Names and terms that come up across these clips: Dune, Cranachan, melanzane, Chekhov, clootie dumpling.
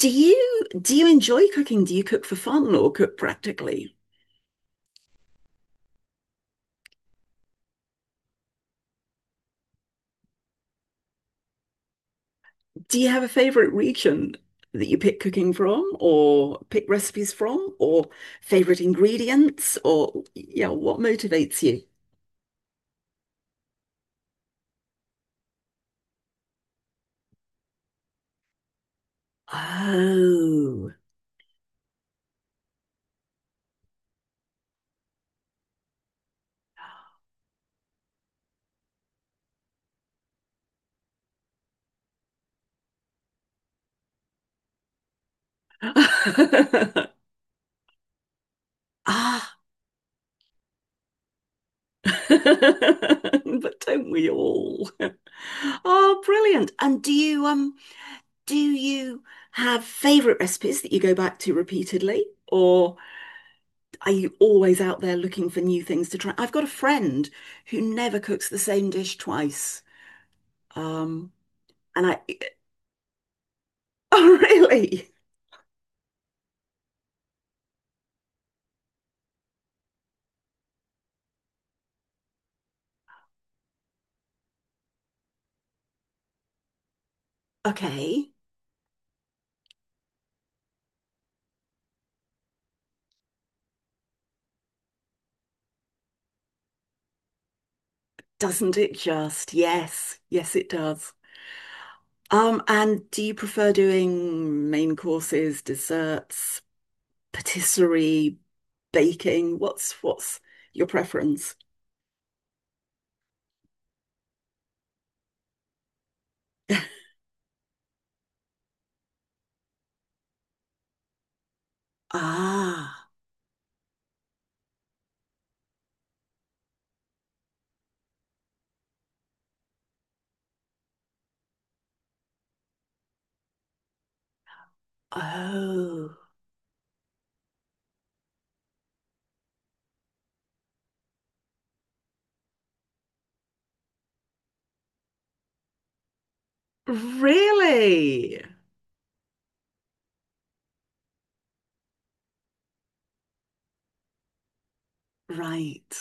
Do you enjoy cooking? Do you cook for fun or cook practically? Do you have a favorite region that you pick cooking from or pick recipes from or favorite ingredients or yeah, what motivates you? Oh. Ah. But don't we all? Oh, brilliant. And do you do you have favorite recipes that you go back to repeatedly or Are you always out there looking for new things to try? I've got a friend who never cooks the same dish twice. Um, and I, oh, really? Okay. Doesn't it just? Yes. Yes, it does. And do you prefer doing main courses, desserts, patisserie, baking? What's your preference? Ah, oh, really? Right.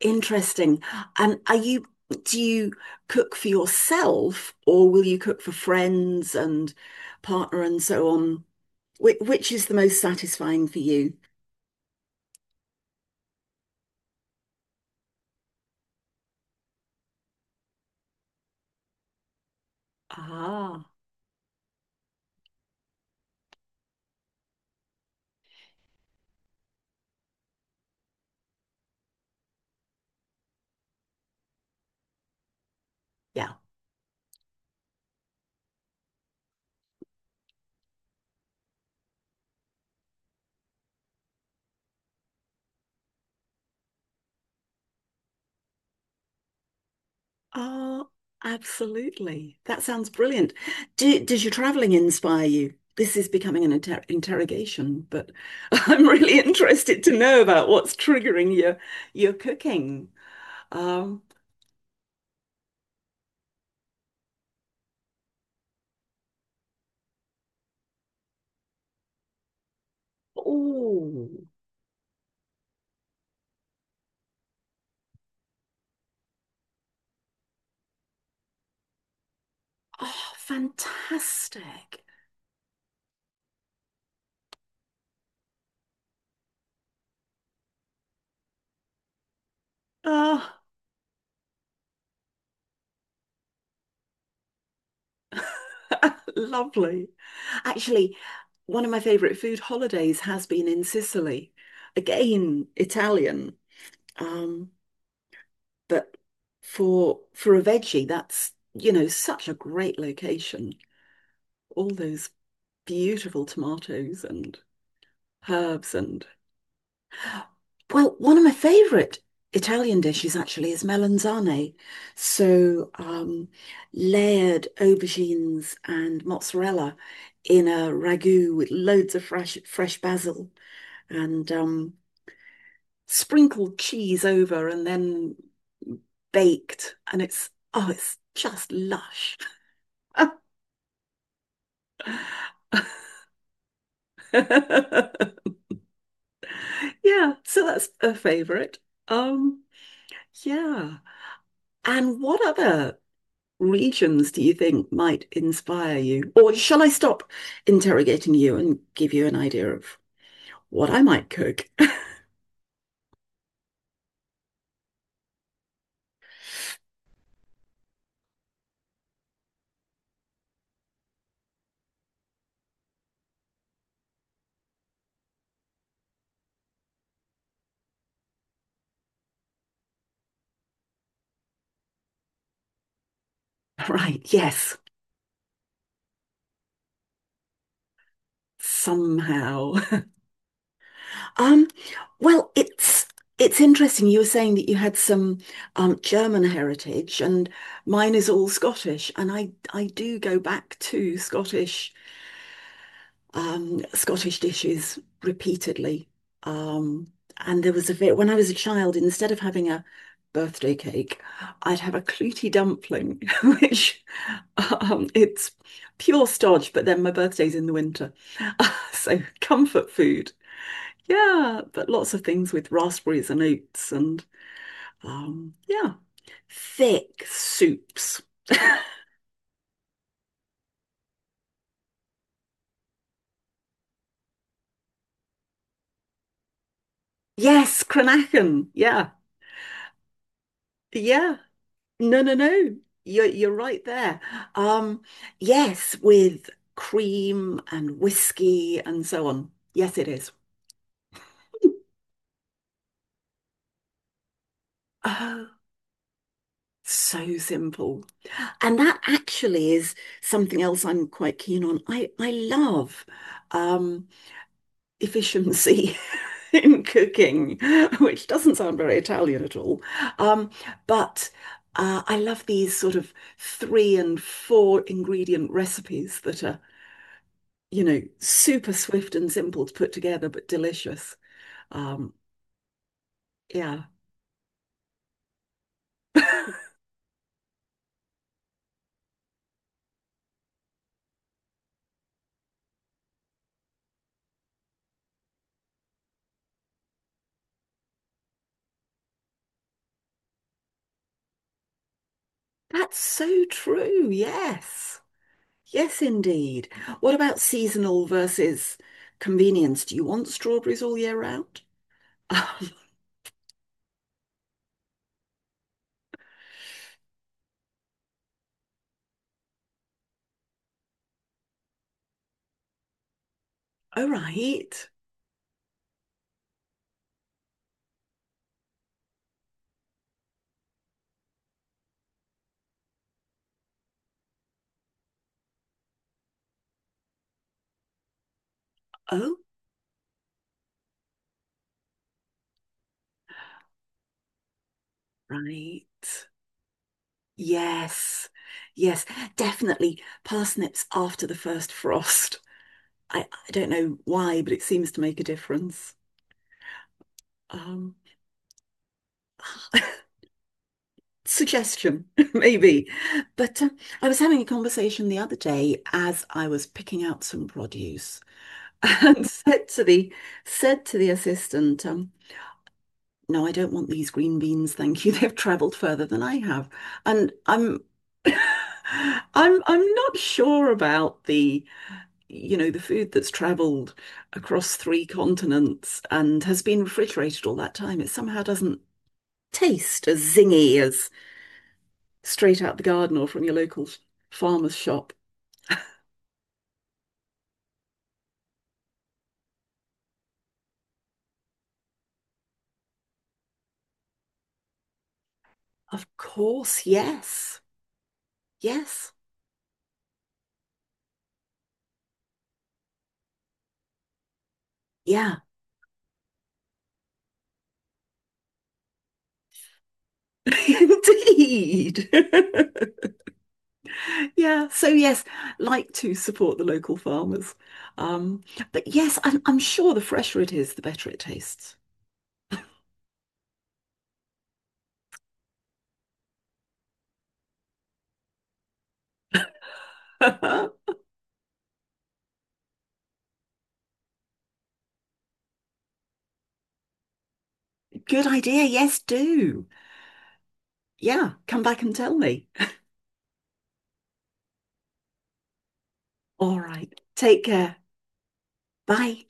Interesting. And do you cook for yourself or will you cook for friends and partner and so on? Which is the most satisfying for you? Ah, yeah. Oh, absolutely. That sounds brilliant. Does your traveling inspire you? This is becoming an interrogation, but I'm really interested to know about what's triggering your cooking. Um, Oh, oh, fantastic. Oh, lovely. Actually, one of my favorite food holidays has been in Sicily. Again, Italian. Um, but for a veggie, that's, you know, such a great location. All those beautiful tomatoes and herbs and Well, one of my favorite Italian dishes actually is melanzane. So, layered aubergines and mozzarella in a ragu with loads of fresh basil and sprinkled cheese over and then baked. And it's, oh, it's just lush. Yeah, so that's a favorite. Um, yeah. And what other regions do you think might inspire you? Or shall I stop interrogating you and give you an idea of what I might cook? Right, yes, somehow. Um, well, it's interesting. You were saying that you had some German heritage, and mine is all Scottish, and I do go back to Scottish Scottish dishes repeatedly. Um, and there was a bit when I was a child, instead of having a birthday cake, I'd have a clootie dumpling, which it's pure stodge, but then my birthday's in the winter. So comfort food. Yeah, but lots of things with raspberries and oats and um, yeah, thick soups. Yes, Cranachan. Yeah, yeah. No, no, no. You're right there. Um, yes, with cream and whiskey and so on. Yes, it is. Oh, so simple. And that actually is something else I'm quite keen on. I love um, efficiency in cooking, which doesn't sound very Italian at all. Um, but I love these sort of three and four ingredient recipes that are you know, super swift and simple to put together, but delicious. Um, yeah, that's so true. Yes. Yes, indeed. What about seasonal versus convenience? Do you want strawberries all year round? Oh, right. Oh, right. Yes. Yes, definitely parsnips after the first frost. I don't know why, but it seems to make a difference. Um, suggestion, maybe. But I was having a conversation the other day as I was picking out some produce and said to the assistant, "No, I don't want these green beans, thank you. They've travelled further than I have." And I'm I'm not sure about the you know the food that's travelled across three continents and has been refrigerated all that time. It somehow doesn't taste as zingy as straight out the garden or from your local farmer's shop. Of course, yes. Yes. Yeah. Indeed. Yeah. So yes, like to support the local farmers. Um, but yes, I'm sure the fresher it is, the better it tastes. Good idea. Yes, do. Yeah. Come back and tell me. All right. Take care. Bye.